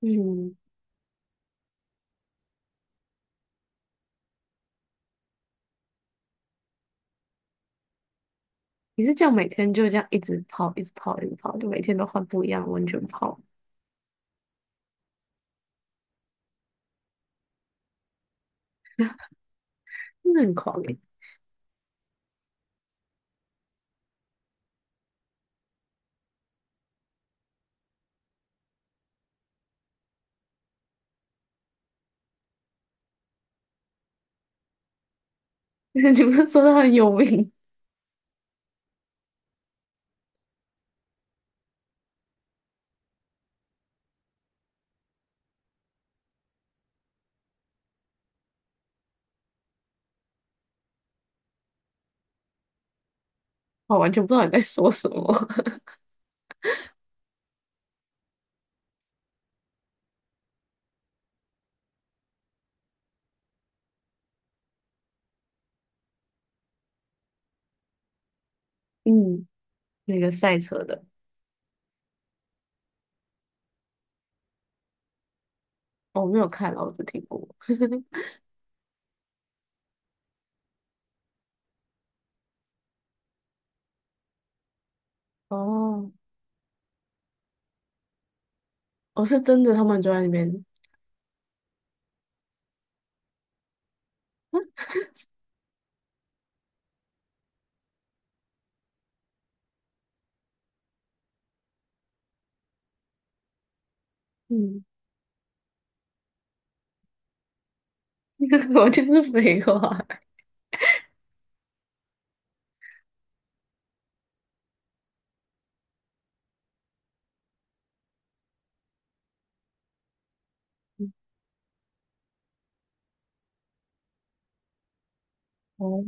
嗯，你是这样每天就这样一直泡，一直泡，一直泡，就每天都换不一样的温泉泡，真的很狂诶、你不是说它很有名？我完全不知道你在说什么。嗯，那个赛车的，哦我没有看啊，我只听过。哦，我是真的，他们就在那边。嗯，我就是废话。哦，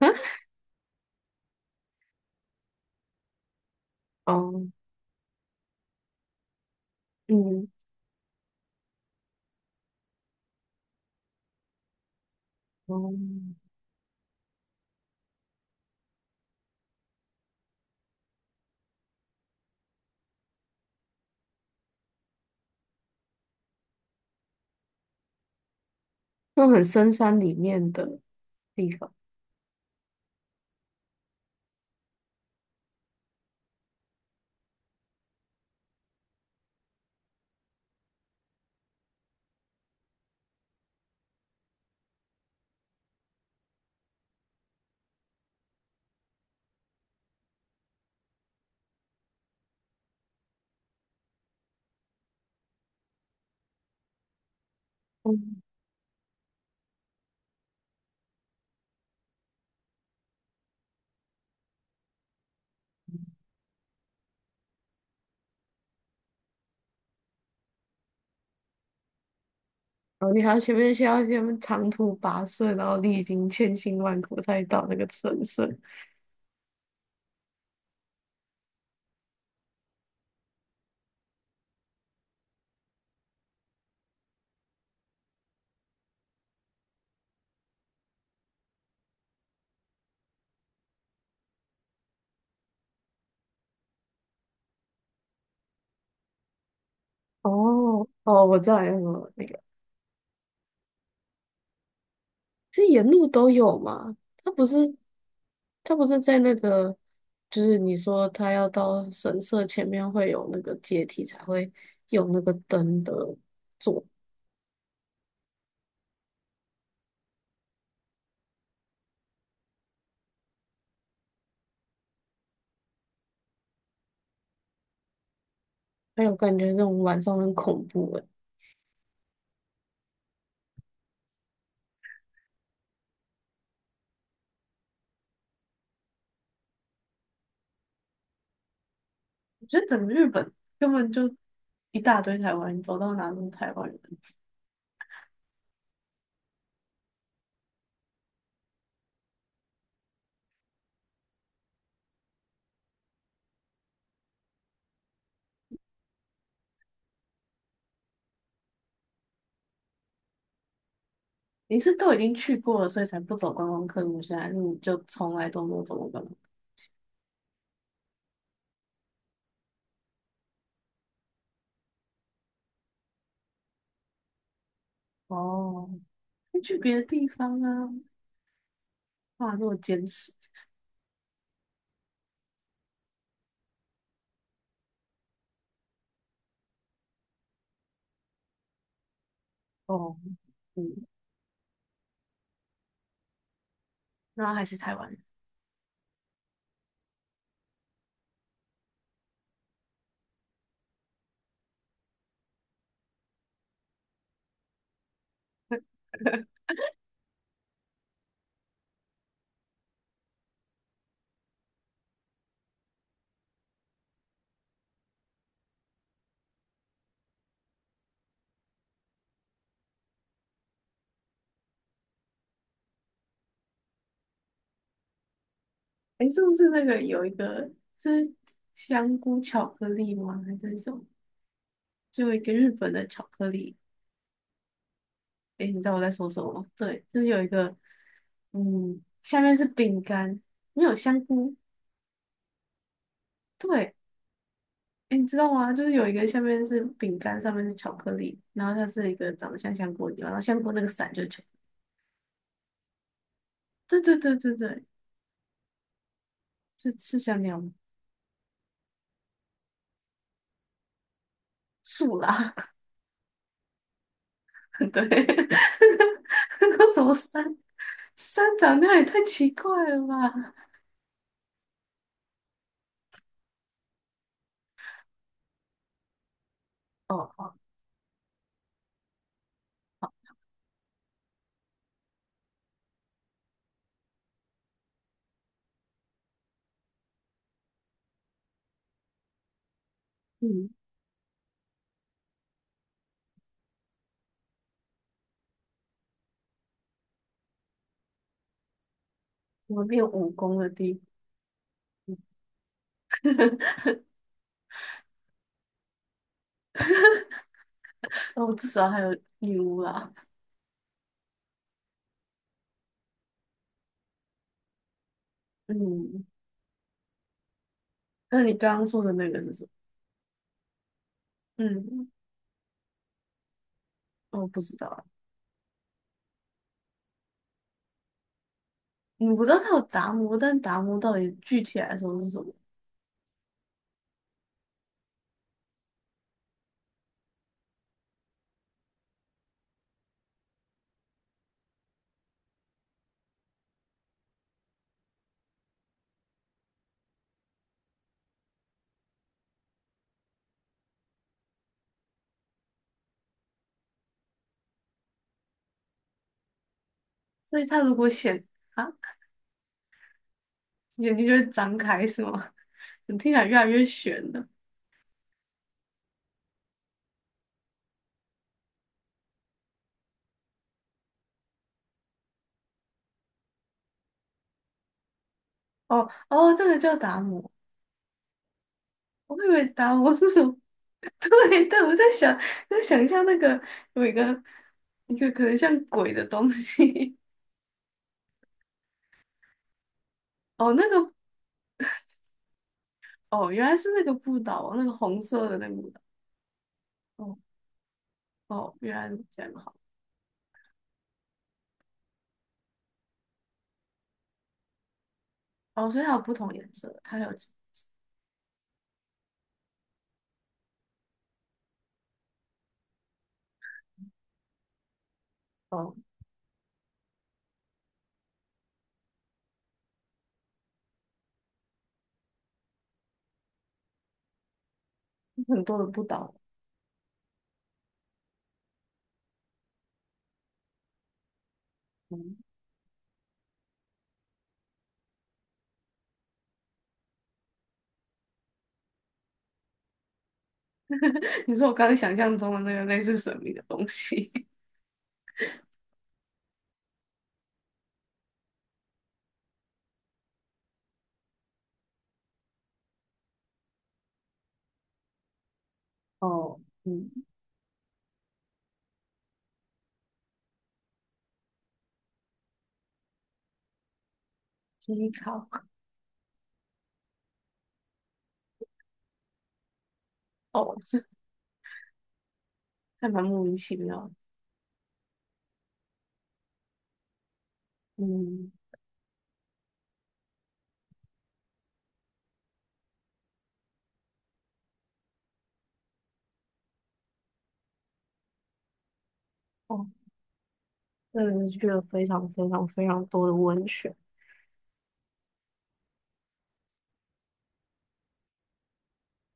啊，哦，嗯，哦，那种很深山里面的地方。嗯哦，你还要前面先要先长途跋涉，然后历经千辛万苦才到那个神社。哦哦，我知道有什么那个，这沿路都有嘛？他不是他不是在那个，就是你说他要到神社前面会有那个阶梯才会有那个灯的座，还有感觉这种晚上很恐怖诶。我觉得整个日本根本就一大堆台湾人，走到哪都是台湾人。你是都已经去过了，所以才不走观光客路线，还是你就从来都没有走过观光客？哦，那去别的地方啊，哇，这么坚持，哦，嗯，然后还是台湾人，诶，是不是那个有一个是香菇巧克力吗？还是什么？就有一个日本的巧克力，诶，你知道我在说什么吗？对，就是有一个，嗯，下面是饼干，没有香菇，对，哎，你知道吗？就是有一个下面是饼干，上面是巧克力，然后它是一个长得像香锅的地方然后香锅那个伞就是巧克力对对对对对，是是香料吗？树啦，对，那什么山山长那样也太奇怪了吧？哦哦，嗯，我练武功的地方，哦，至少还有女巫啦。嗯，那你刚刚说的那个是什么？嗯，我不知道啊，嗯我不知道它有达摩，但达摩到底具体来说是什么？所以它如果显啊，眼睛就会张开是吗？你听起来越来越悬了。哦哦，这个叫达摩，我以为达摩是什么？对对，我在想，在想象那个有一个一个可能像鬼的东西。哦，那个哦，原来是那个不倒翁那个红色的那个不倒翁哦哦，原来是这样好。哦，所以它有不同颜色，它有哦很多的不倒翁嗯，你说我刚刚想象中的那个类似神秘的东西。哦，嗯。机常哦，这还蛮莫名其妙的。嗯，哦，真的是去了非常非常非常多的温泉。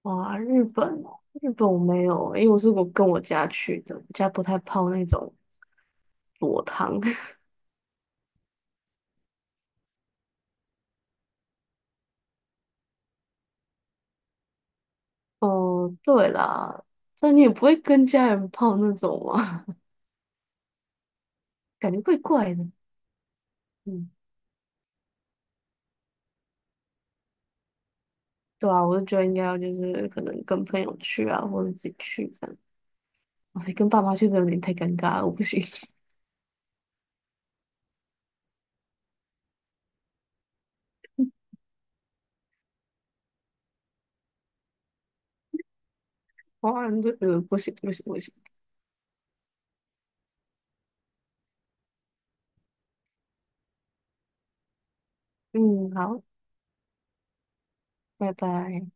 哇，日本哦，日本我没有欸，因为我是我跟我家去的，我家不太泡那种裸汤。哦，对啦，但你也不会跟家人泡那种嘛，感觉怪怪的。嗯，对啊，我就觉得应该要就是可能跟朋友去啊，或者自己去这样。哇，跟爸妈去真的有点太尴尬了，我不行。哇，这个不行不行不行。嗯，好。拜拜。